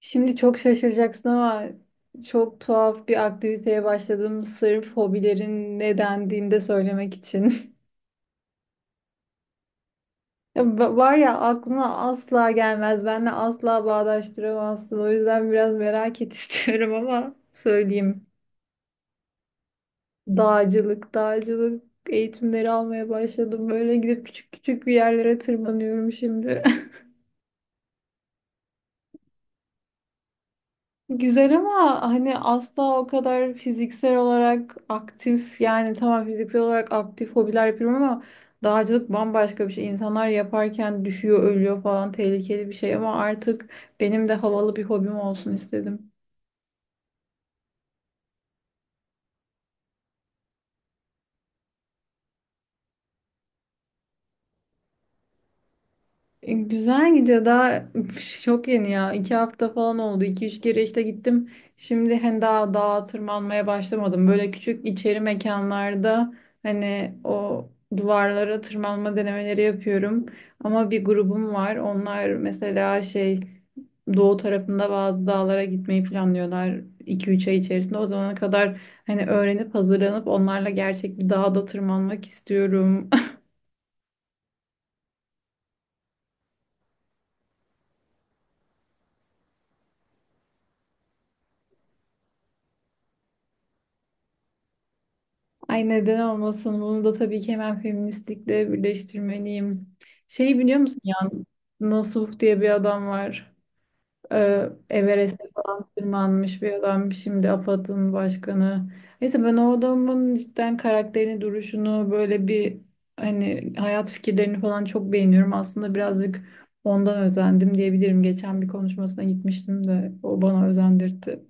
Şimdi çok şaşıracaksın ama çok tuhaf bir aktiviteye başladım sırf hobilerin ne dendiğini de söylemek için. Var ya, aklına asla gelmez. Benle asla bağdaştıramazsın. O yüzden biraz merak et istiyorum ama söyleyeyim. Dağcılık eğitimleri almaya başladım. Böyle gidip küçük küçük bir yerlere tırmanıyorum şimdi. Güzel ama hani asla o kadar fiziksel olarak aktif, yani tamam, fiziksel olarak aktif hobiler yapıyorum ama dağcılık bambaşka bir şey. İnsanlar yaparken düşüyor, ölüyor falan, tehlikeli bir şey ama artık benim de havalı bir hobim olsun istedim. E, güzel gidiyor. Daha çok yeni ya. 2 hafta falan oldu. 2-3 kere işte gittim. Şimdi hani daha dağa tırmanmaya başlamadım. Böyle küçük içeri mekanlarda hani o duvarlara tırmanma denemeleri yapıyorum. Ama bir grubum var. Onlar mesela şey, doğu tarafında bazı dağlara gitmeyi planlıyorlar. 2-3 ay içerisinde. O zamana kadar hani öğrenip hazırlanıp onlarla gerçek bir dağda tırmanmak istiyorum. Ay, neden olmasın? Bunu da tabii ki hemen feministlikle birleştirmeliyim. Şey, biliyor musun ya, Nasuh diye bir adam var. Everest'e falan tırmanmış bir adam. Şimdi APAD'ın başkanı. Neyse, ben o adamın cidden karakterini, duruşunu böyle bir hani hayat fikirlerini falan çok beğeniyorum. Aslında birazcık ondan özendim diyebilirim. Geçen bir konuşmasına gitmiştim de o bana özendirdi.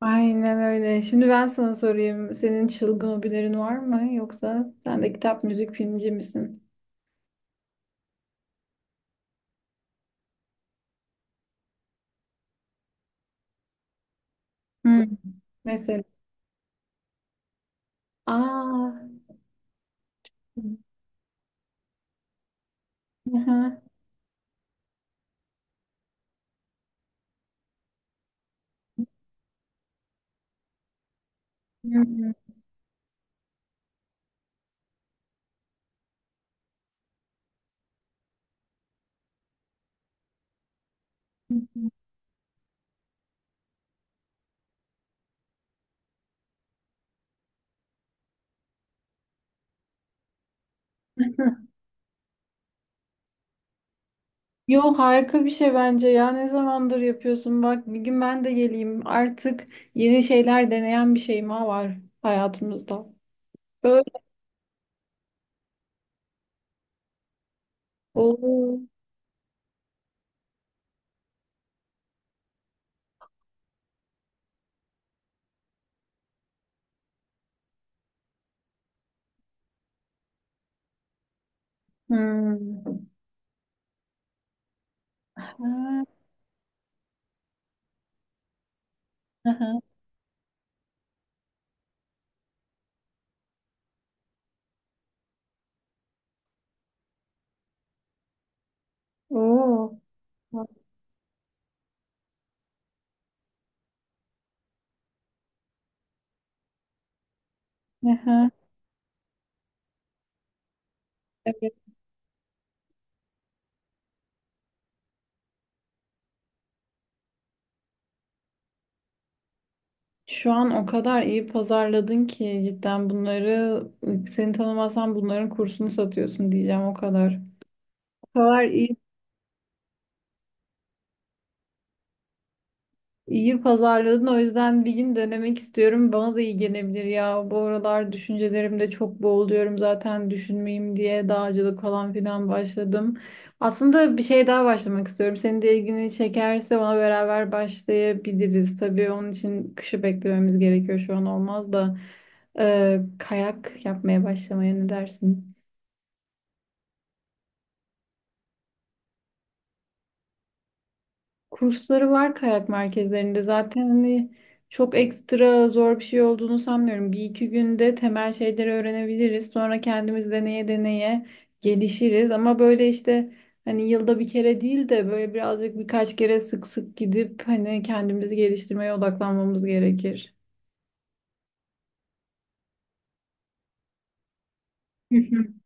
Aynen öyle. Şimdi ben sana sorayım. Senin çılgın hobilerin var mı? Yoksa sen de kitap, müzik, filmci misin? Hmm. Mesela. Aa. Aha. Hmm. Yo, harika bir şey bence ya. Ne zamandır yapıyorsun? Bak, bir gün ben de geleyim. Artık yeni şeyler deneyen bir şey daha var hayatımızda. Böyle. Oo. Hmm. Ha, aha. Oo. Aha. Evet. Şu an o kadar iyi pazarladın ki cidden bunları, seni tanımasam bunların kursunu satıyorsun diyeceğim o kadar. O kadar iyi İyi pazarladın, o yüzden bir gün denemek istiyorum. Bana da iyi gelebilir ya. Bu aralar düşüncelerimde çok boğuluyorum, zaten düşünmeyeyim diye dağcılık falan filan başladım. Aslında bir şey daha başlamak istiyorum. Senin de ilgini çekerse ona beraber başlayabiliriz. Tabii onun için kışı beklememiz gerekiyor, şu an olmaz da. Kayak yapmaya başlamaya ne dersin? Kursları var kayak merkezlerinde zaten, hani çok ekstra zor bir şey olduğunu sanmıyorum. Bir iki günde temel şeyleri öğrenebiliriz. Sonra kendimiz deneye deneye gelişiriz. Ama böyle işte hani yılda bir kere değil de böyle birazcık birkaç kere sık sık gidip hani kendimizi geliştirmeye odaklanmamız gerekir.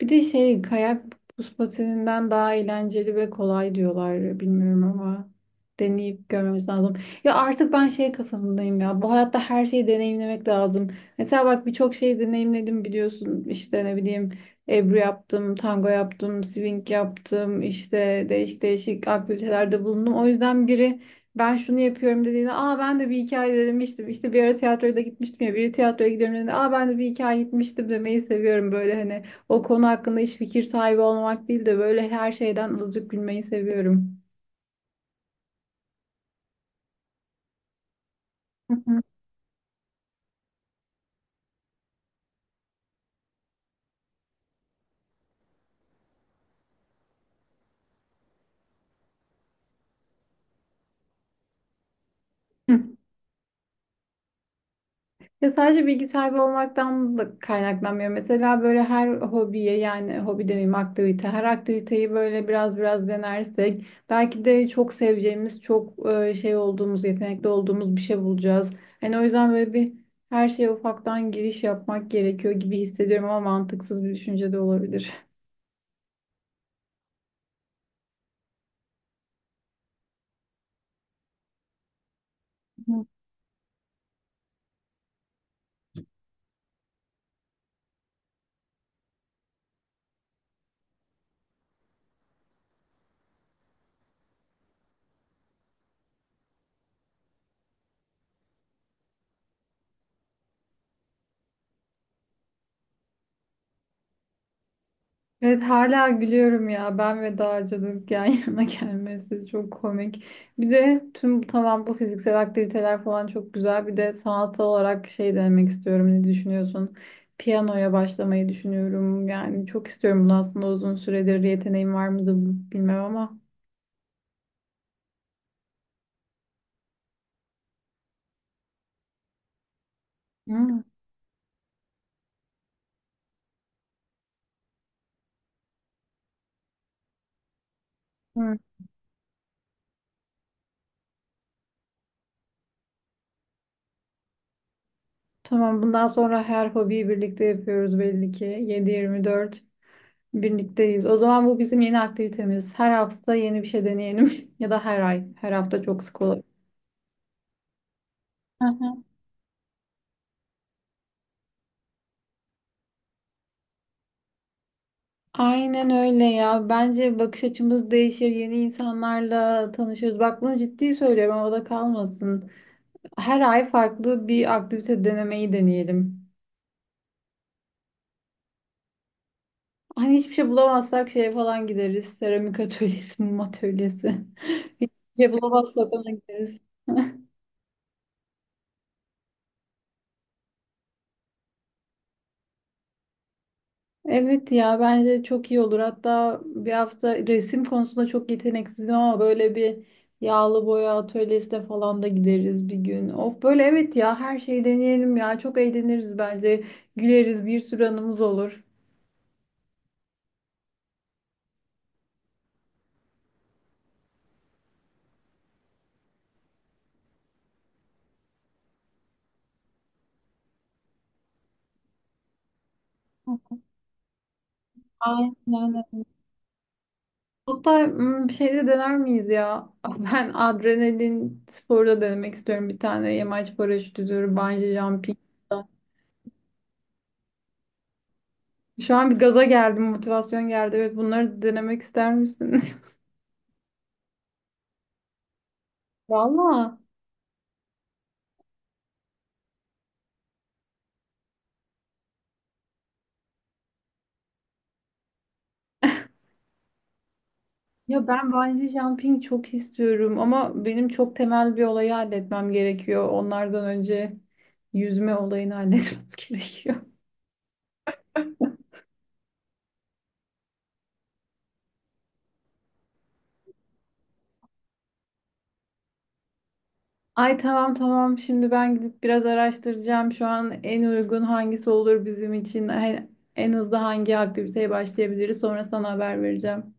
Bir de şey, kayak buz patininden daha eğlenceli ve kolay diyorlar, bilmiyorum ama deneyip görmemiz lazım. Ya artık ben şey kafasındayım ya, bu hayatta her şeyi deneyimlemek lazım. Mesela bak, birçok şeyi deneyimledim biliyorsun, işte ne bileyim, Ebru yaptım, tango yaptım, swing yaptım, işte değişik değişik aktivitelerde bulundum. O yüzden biri ben şunu yapıyorum dediğinde, aa ben de bir hikaye denemiştim. İşte bir ara tiyatroya da gitmiştim ya, biri tiyatroya gidiyorum dediğinde, aa ben de bir hikaye gitmiştim demeyi seviyorum böyle hani. O konu hakkında hiç fikir sahibi olmak değil de böyle her şeyden azıcık gülmeyi seviyorum. Hı hı. Hı. Ya sadece bilgi sahibi olmaktan da kaynaklanmıyor. Mesela böyle her hobiye, yani hobi demeyeyim, aktivite, her aktiviteyi böyle biraz biraz denersek belki de çok seveceğimiz, çok şey olduğumuz, yetenekli olduğumuz bir şey bulacağız. Hani o yüzden böyle bir her şeye ufaktan giriş yapmak gerekiyor gibi hissediyorum ama mantıksız bir düşünce de olabilir. Evet, hala gülüyorum ya, ben ve dağcılık yan yana gelmesi çok komik. Bir de tamam, bu fiziksel aktiviteler falan çok güzel. Bir de sanatsal olarak şey denemek istiyorum. Ne düşünüyorsun? Piyanoya başlamayı düşünüyorum. Yani çok istiyorum bunu, aslında uzun süredir, yeteneğim var mıdır bilmem ama. Hı, hı. Tamam, bundan sonra her hobiyi birlikte yapıyoruz belli ki. 7-24 birlikteyiz. O zaman bu bizim yeni aktivitemiz. Her hafta yeni bir şey deneyelim. Ya da her ay. Her hafta çok sık olabilir. Aha. Aynen öyle ya. Bence bakış açımız değişir. Yeni insanlarla tanışırız. Bak, bunu ciddi söylüyorum. Havada kalmasın. Her ay farklı bir aktivite denemeyi deneyelim. Hani hiçbir şey bulamazsak şeye falan gideriz. Seramik atölyesi, mum atölyesi. Hiçbir şey bulamazsak ona gideriz. Evet ya, bence çok iyi olur. Hatta bir hafta, resim konusunda çok yeteneksizim ama böyle bir yağlı boya atölyesine falan da gideriz bir gün. Of, böyle evet ya, her şeyi deneyelim ya. Çok eğleniriz bence. Güleriz, bir sürü anımız olur. Aynen. Hatta şeyde dener miyiz ya? Ben adrenalin sporu da denemek istiyorum. Bir tane yamaç paraşütüdür, bungee jumping. Şu an bir gaza geldim, motivasyon geldi. Evet, bunları denemek ister misiniz? Valla. Ya, ben bungee jumping çok istiyorum ama benim çok temel bir olayı halletmem gerekiyor. Onlardan önce yüzme olayını halletmem gerekiyor. Ay tamam tamam, şimdi ben gidip biraz araştıracağım. Şu an en uygun hangisi olur bizim için? En hızlı hangi aktiviteye başlayabiliriz? Sonra sana haber vereceğim.